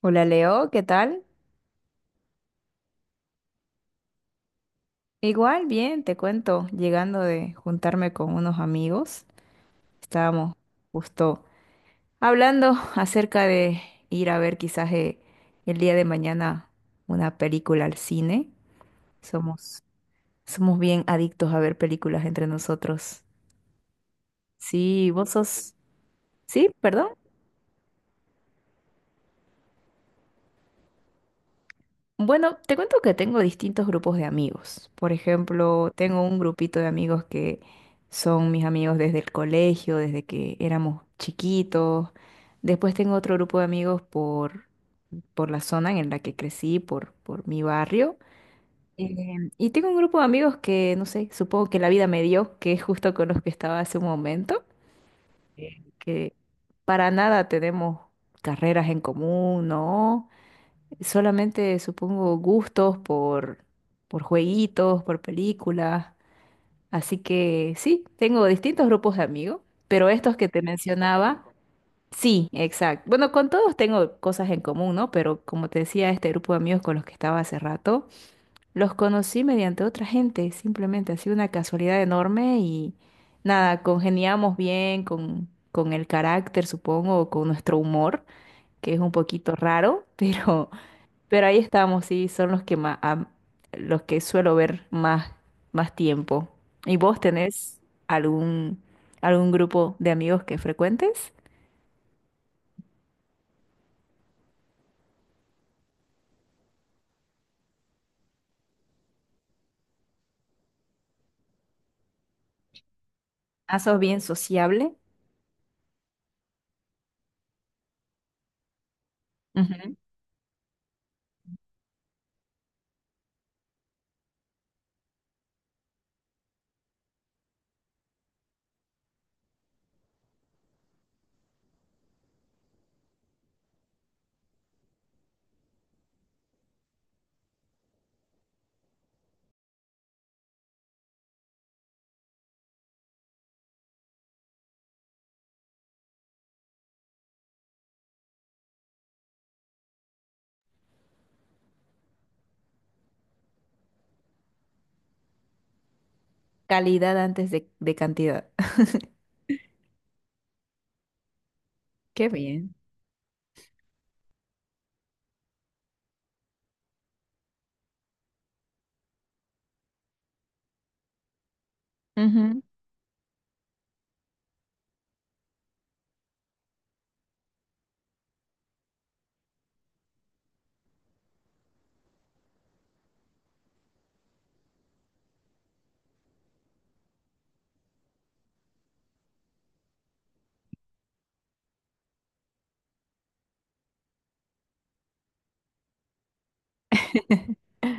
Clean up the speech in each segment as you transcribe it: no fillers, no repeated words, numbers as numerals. Hola Leo, ¿qué tal? Igual, bien, te cuento, llegando de juntarme con unos amigos, estábamos justo hablando acerca de ir a ver quizás el día de mañana una película al cine. Somos, somos bien adictos a ver películas entre nosotros. Sí, vos sos... Sí, perdón. Bueno, te cuento que tengo distintos grupos de amigos. Por ejemplo, tengo un grupito de amigos que son mis amigos desde el colegio, desde que éramos chiquitos. Después tengo otro grupo de amigos por la zona en la que crecí, por mi barrio. Y tengo un grupo de amigos que, no sé, supongo que la vida me dio, que es justo con los que estaba hace un momento, que para nada tenemos carreras en común, ¿no? Solamente supongo gustos por jueguitos, por películas. Así que sí, tengo distintos grupos de amigos, pero estos que te mencionaba, sí, exacto. Bueno, con todos tengo cosas en común, ¿no? Pero como te decía, este grupo de amigos con los que estaba hace rato, los conocí mediante otra gente, simplemente ha sido una casualidad enorme y nada, congeniamos bien con el carácter, supongo, o con nuestro humor, que es un poquito raro, pero... Pero ahí estamos, sí, son los que más, los que suelo ver más, más tiempo. ¿Y vos tenés algún, algún grupo de amigos que frecuentes? Ah, sos bien sociable. Ujú. Calidad antes de cantidad. Qué bien. Ujú.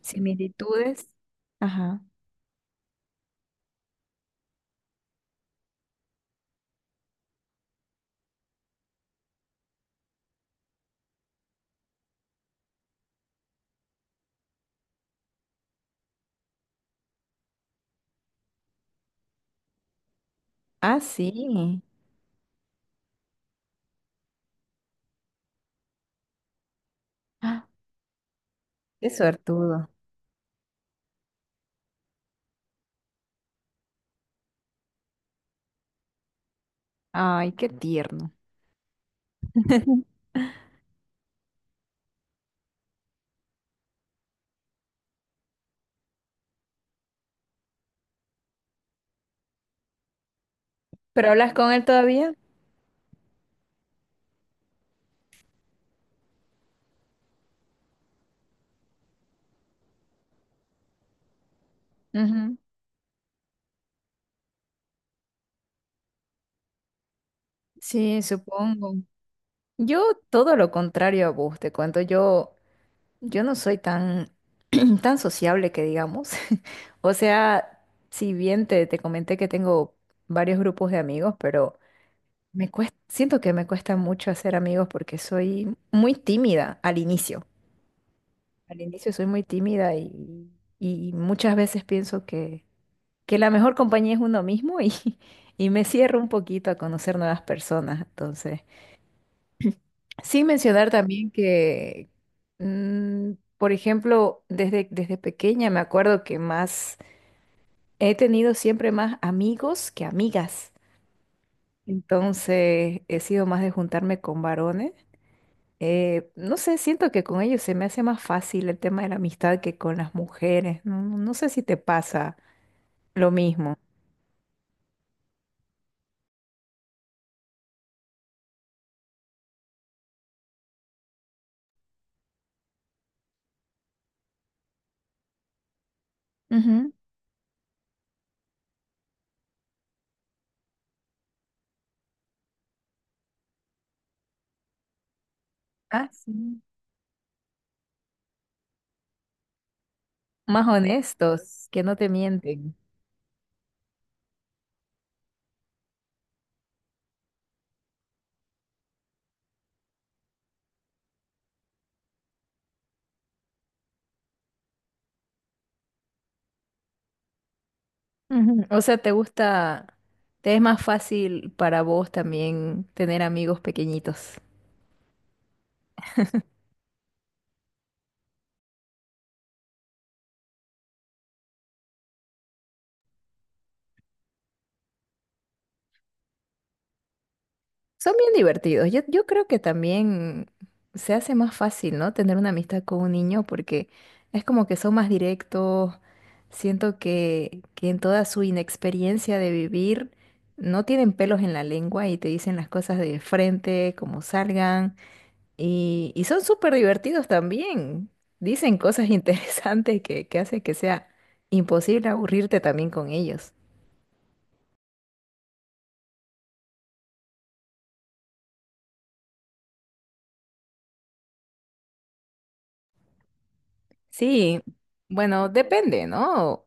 Similitudes. Ajá. Ah, sí. Ah, qué suertudo. Ay, qué tierno. ¿Pero hablas con él todavía? Ujú. Sí, supongo. Yo todo lo contrario a vos, te cuento, yo no soy tan, tan sociable que digamos. O sea, si bien te comenté que tengo varios grupos de amigos, pero me cuesta, siento que me cuesta mucho hacer amigos porque soy muy tímida al inicio. Al inicio soy muy tímida y muchas veces pienso que la mejor compañía es uno mismo y, y me cierro un poquito a conocer nuevas personas. Entonces... Sin mencionar también que, por ejemplo, desde pequeña me acuerdo que más he tenido siempre más amigos que amigas. Entonces he sido más de juntarme con varones. No sé, siento que con ellos se me hace más fácil el tema de la amistad que con las mujeres. No sé si te pasa lo mismo. Ujú. Ah, sí. Más honestos, que no te mienten. Ujú. O sea, ¿te gusta, te es más fácil para vos también tener amigos pequeñitos? Son bien divertidos. Yo creo que también se hace más fácil, ¿no? Tener una amistad con un niño porque es como que son más directos. Siento que en toda su inexperiencia de vivir no tienen pelos en la lengua y te dicen las cosas de frente, como salgan. Y son súper divertidos también. Dicen cosas interesantes que hacen que sea imposible aburrirte también con ellos. Sí, bueno, depende, ¿no?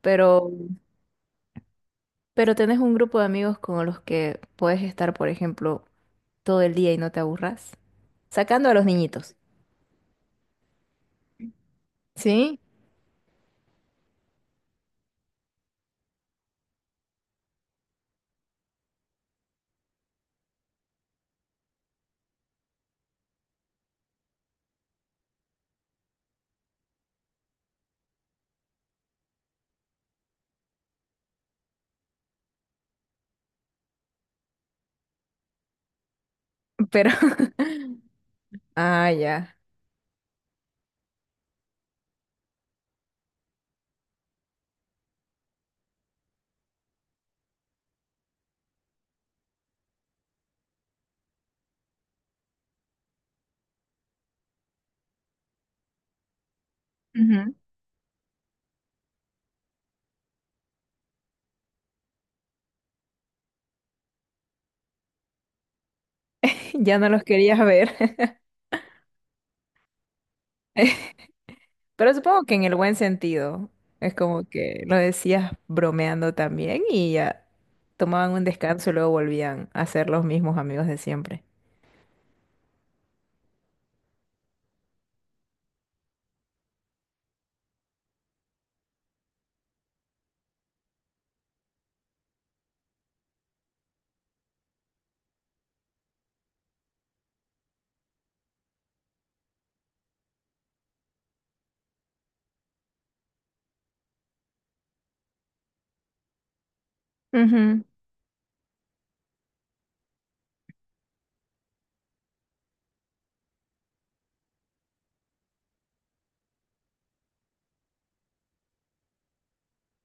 Pero, pero tenés un grupo de amigos con los que puedes estar, por ejemplo, todo el día y no te aburras. Sacando a los niñitos. Sí, pero... Ah, ya. Ujú. Ya no los querías ver. Pero supongo que en el buen sentido. Es como que lo decías bromeando también y ya tomaban un descanso y luego volvían a ser los mismos amigos de siempre. Ujú.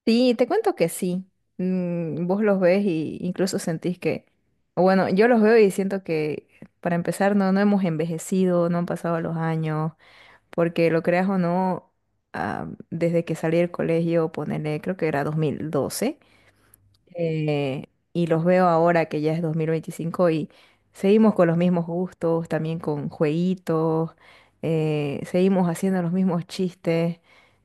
Sí, te cuento que sí. Mm, vos los ves y incluso sentís que, o bueno, yo los veo y siento que para empezar no, no hemos envejecido, no han pasado los años, porque lo creas o no, desde que salí del colegio, ponele, creo que era 2012. eh, y los veo ahora que ya es 2025 y seguimos con los mismos gustos, también con jueguitos, seguimos haciendo los mismos chistes.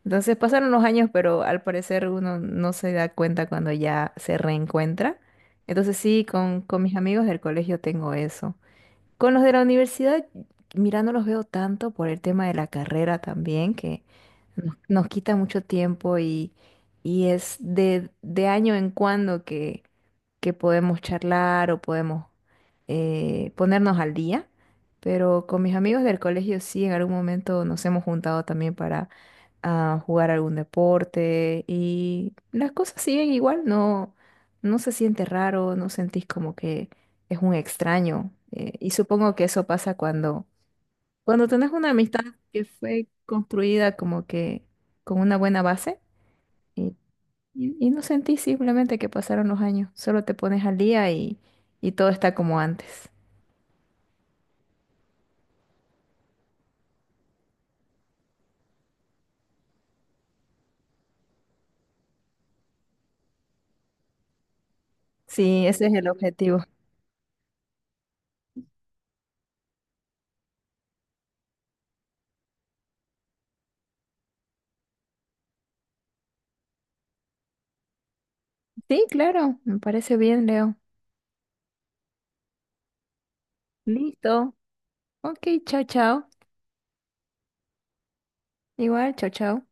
Entonces pasaron los años, pero al parecer uno no se da cuenta cuando ya se reencuentra. Entonces sí, con mis amigos del colegio tengo eso. Con los de la universidad, mira, no los veo tanto por el tema de la carrera también, que nos quita mucho tiempo y es de año en cuando que podemos charlar o podemos ponernos al día. Pero con mis amigos del colegio sí, en algún momento nos hemos juntado también para a jugar algún deporte y las cosas siguen igual, no, no se siente raro, no sentís como que es un extraño. Y supongo que eso pasa cuando, cuando tenés una amistad que fue construida como que con una buena base y, y no sentís simplemente que pasaron los años, solo te pones al día y todo está como antes. Sí, ese es el objetivo. Sí, claro, me parece bien, Leo. Listo. Ok, chao, chao. Igual, chao, chao.